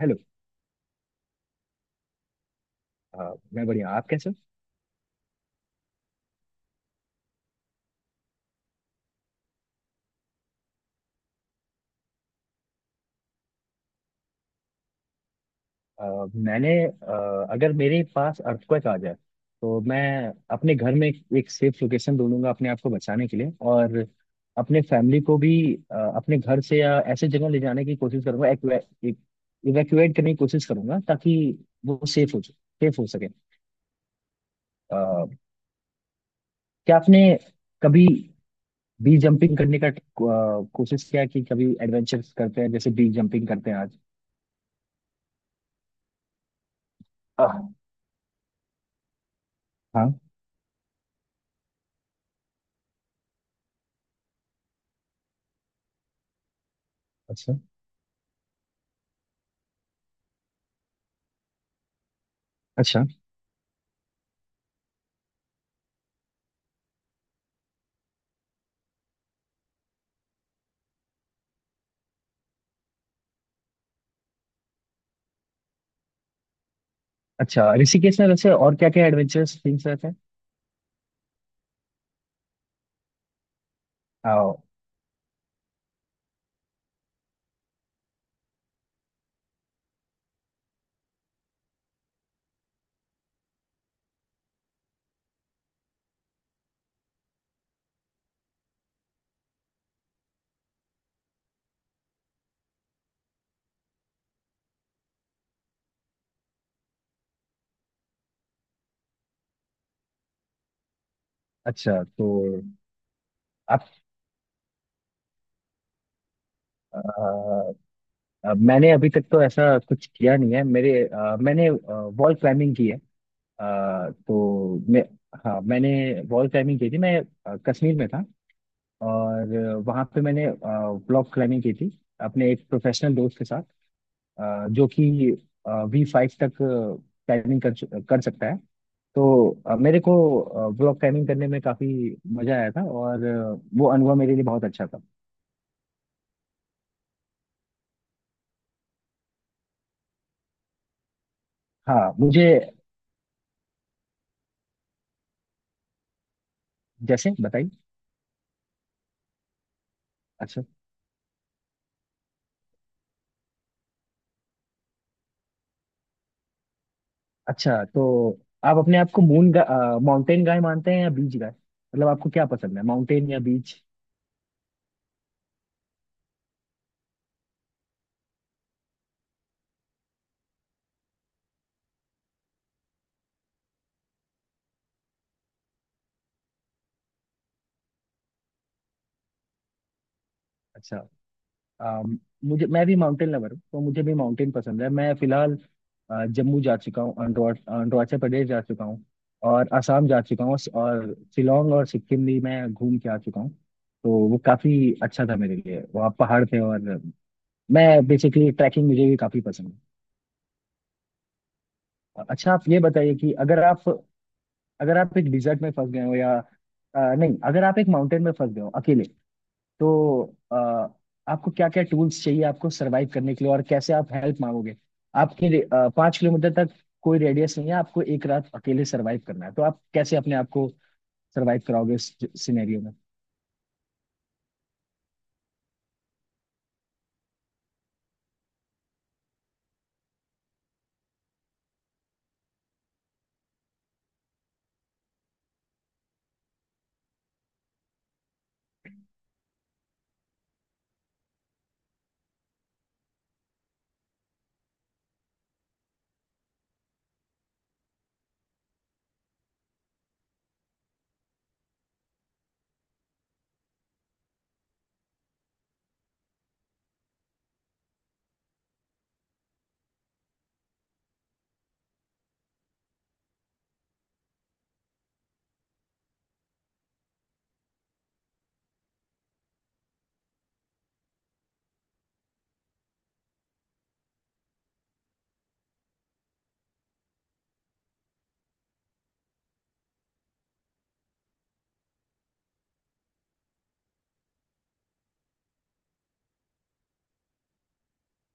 Hello. मैं बढ़िया। आप कैसे हो? अगर मेरे पास अर्थक्वेक आ जाए तो मैं अपने घर में एक सेफ लोकेशन ढूंढूंगा अपने आप को बचाने के लिए, और अपने फैमिली को भी। अपने घर से या ऐसे जगह ले जाने की कोशिश करूंगा, इवैक्यूएट करने की कोशिश करूंगा, ताकि वो सेफ हो सके। अ, क्या आपने कभी बी जंपिंग करने का कोशिश किया है कि कभी एडवेंचर करते हैं, जैसे बी जंपिंग करते हैं आज? आह, हाँ। अच्छा। अच्छा। अच्छा, ऋषिकेश में वैसे और क्या क्या एडवेंचरस थिंग्स रहते हैं? आओ। अच्छा, तो आप अ, मैंने अभी तक तो ऐसा कुछ किया नहीं है। मैंने वॉल क्लाइंबिंग की है। तो मैं, हाँ, मैंने वॉल क्लाइंबिंग की थी। मैं कश्मीर में था, और वहाँ पे मैंने ब्लॉक क्लाइंबिंग की थी, अपने एक प्रोफेशनल दोस्त के साथ, जो कि V5 तक क्लाइंबिंग कर सकता है। तो मेरे को व्लॉग टाइमिंग करने में काफी मजा आया था, और वो अनुभव मेरे लिए बहुत अच्छा था। हाँ, मुझे। जैसे बताइए। अच्छा। अच्छा, तो आप अपने आप को माउंटेन गाय मानते हैं या बीच गाय? मतलब आपको क्या पसंद है, माउंटेन या बीच? अच्छा। अम, मुझे मैं भी माउंटेन लवर हूँ, तो मुझे भी माउंटेन पसंद है। मैं फिलहाल जम्मू जा चुका हूँ, अरुणाचल प्रदेश जा चुका हूँ, और असम जा चुका हूँ, और शिलोंग और सिक्किम भी मैं घूम के आ चुका हूँ। तो वो काफ़ी अच्छा था मेरे लिए, वहाँ पहाड़ थे, और मैं बेसिकली ट्रैकिंग मुझे भी काफ़ी पसंद है। अच्छा, आप ये बताइए कि अगर आप, अगर आप एक डिजर्ट में फंस गए हो या अ, नहीं, अगर आप एक माउंटेन में फंस गए हो अकेले, तो आपको क्या क्या टूल्स चाहिए आपको सरवाइव करने के लिए, और कैसे आप हेल्प मांगोगे? 5 किलोमीटर तक कोई रेडियस नहीं है, आपको एक रात अकेले सरवाइव करना है, तो आप कैसे अपने आप को सरवाइव कराओगे इस सिनेरियो में?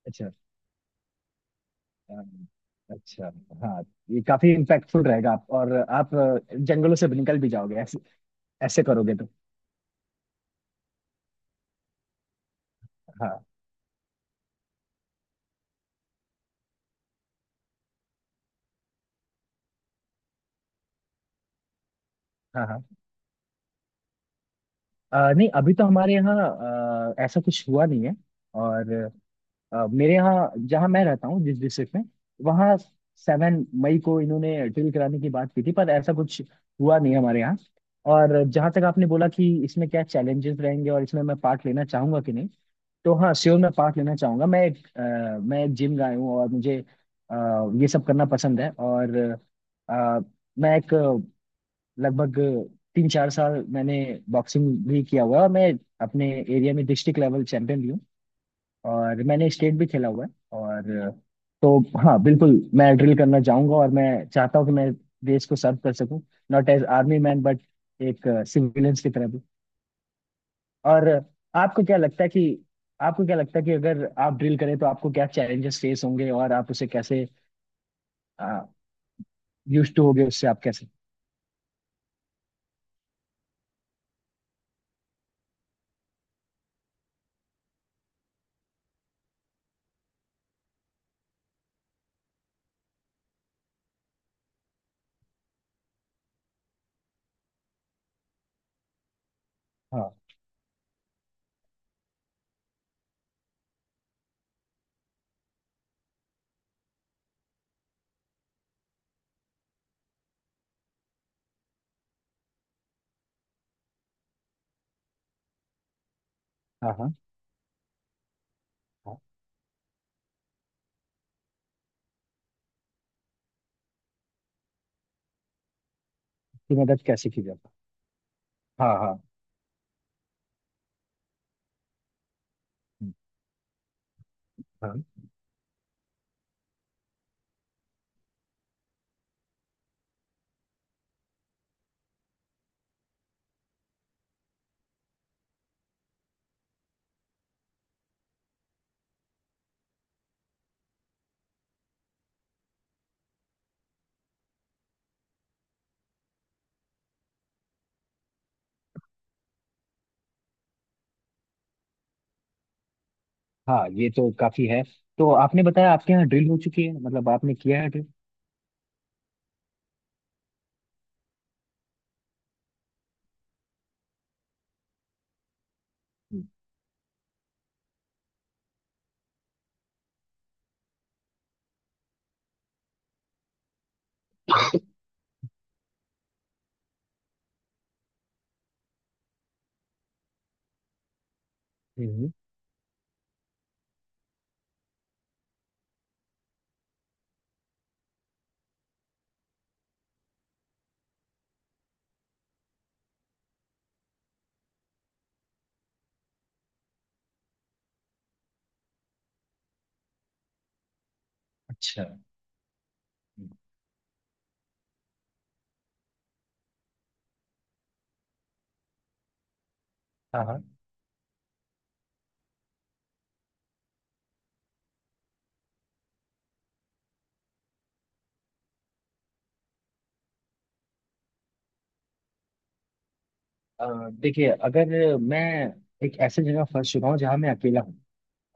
अच्छा। अम, अच्छा। हाँ, ये काफी इम्पैक्टफुल रहेगा। आप और जंगलों से निकल भी जाओगे ऐसे, ऐसे करोगे तो। हाँ, हाँ। हाँ, नहीं, अभी तो हमारे यहाँ ऐसा कुछ हुआ नहीं है। और मेरे यहाँ, जहाँ मैं रहता हूँ, जिस डिस्ट्रिक्ट में, वहाँ 7 मई को इन्होंने ड्रिल कराने की बात की थी, पर ऐसा कुछ हुआ नहीं हमारे यहाँ। और जहाँ तक आपने बोला कि इसमें क्या चैलेंजेस रहेंगे और इसमें मैं पार्ट लेना चाहूंगा कि नहीं, तो हाँ श्योर, मैं पार्ट लेना चाहूंगा। मैं एक जिम गाय हूँ, और मुझे अ, ये सब करना पसंद है। और अ, मैं एक अ, लगभग 3-4 साल मैंने बॉक्सिंग भी किया हुआ है, और मैं अपने एरिया में डिस्ट्रिक्ट लेवल चैंपियन भी हूँ, और मैंने स्टेट भी खेला हुआ है। और तो हाँ, बिल्कुल, मैं ड्रिल करना चाहूंगा, और मैं चाहता हूँ कि मैं देश को सर्व कर सकूं, not as army man but एक सिविलियंस की तरह भी। और आपको क्या लगता है कि आपको क्या लगता है कि अगर आप ड्रिल करें तो आपको क्या चैलेंजेस फेस होंगे, और आप उसे कैसे यूज टू होगे, उससे आप कैसे? हाँ, हाँ, हाँ, हाँ, की मदद कैसे की जाती है? हाँ, हाँ। हम्म। हाँ, हाँ, ये तो काफी है। तो आपने बताया आपके यहाँ ड्रिल हो चुकी है, मतलब आपने किया है ड्रिल है? हम्म। अच्छा। हाँ, हाँ, देखिए, अगर मैं एक ऐसे जगह फंस चुका हूँ जहाँ मैं अकेला हूँ,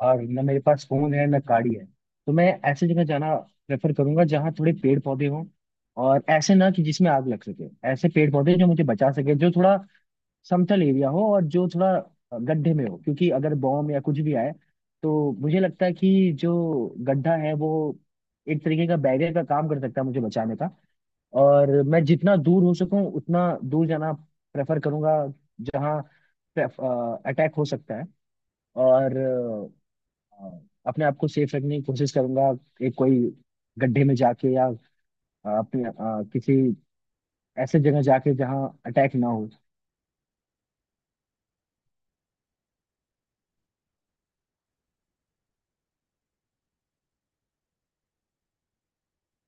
और न मेरे पास फोन है न गाड़ी है, तो मैं ऐसे जगह जाना प्रेफर करूंगा जहाँ थोड़े पेड़ पौधे हों, और ऐसे ना कि जिसमें आग लग सके, ऐसे पेड़ पौधे जो मुझे बचा सके, जो थोड़ा समतल एरिया हो, और जो थोड़ा गड्ढे में हो, क्योंकि अगर बॉम्ब या कुछ भी आए, तो मुझे लगता है कि जो गड्ढा है वो एक तरीके का बैरियर का काम कर सकता है मुझे बचाने का। और मैं जितना दूर हो सकूं उतना दूर जाना प्रेफर करूंगा, जहां अटैक हो सकता है, और अ, अपने आप को सेफ रखने की कोशिश करूंगा, एक कोई गड्ढे में जाके, या अपने किसी ऐसे जगह जाके जहां अटैक ना हो।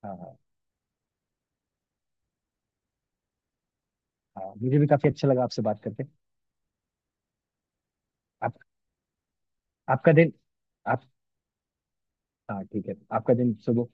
हाँ, हाँ। हाँ, मुझे भी काफी अच्छा लगा आपसे बात करके। आप आपका दिन आप हाँ ठीक है, आपका दिन शुभ हो।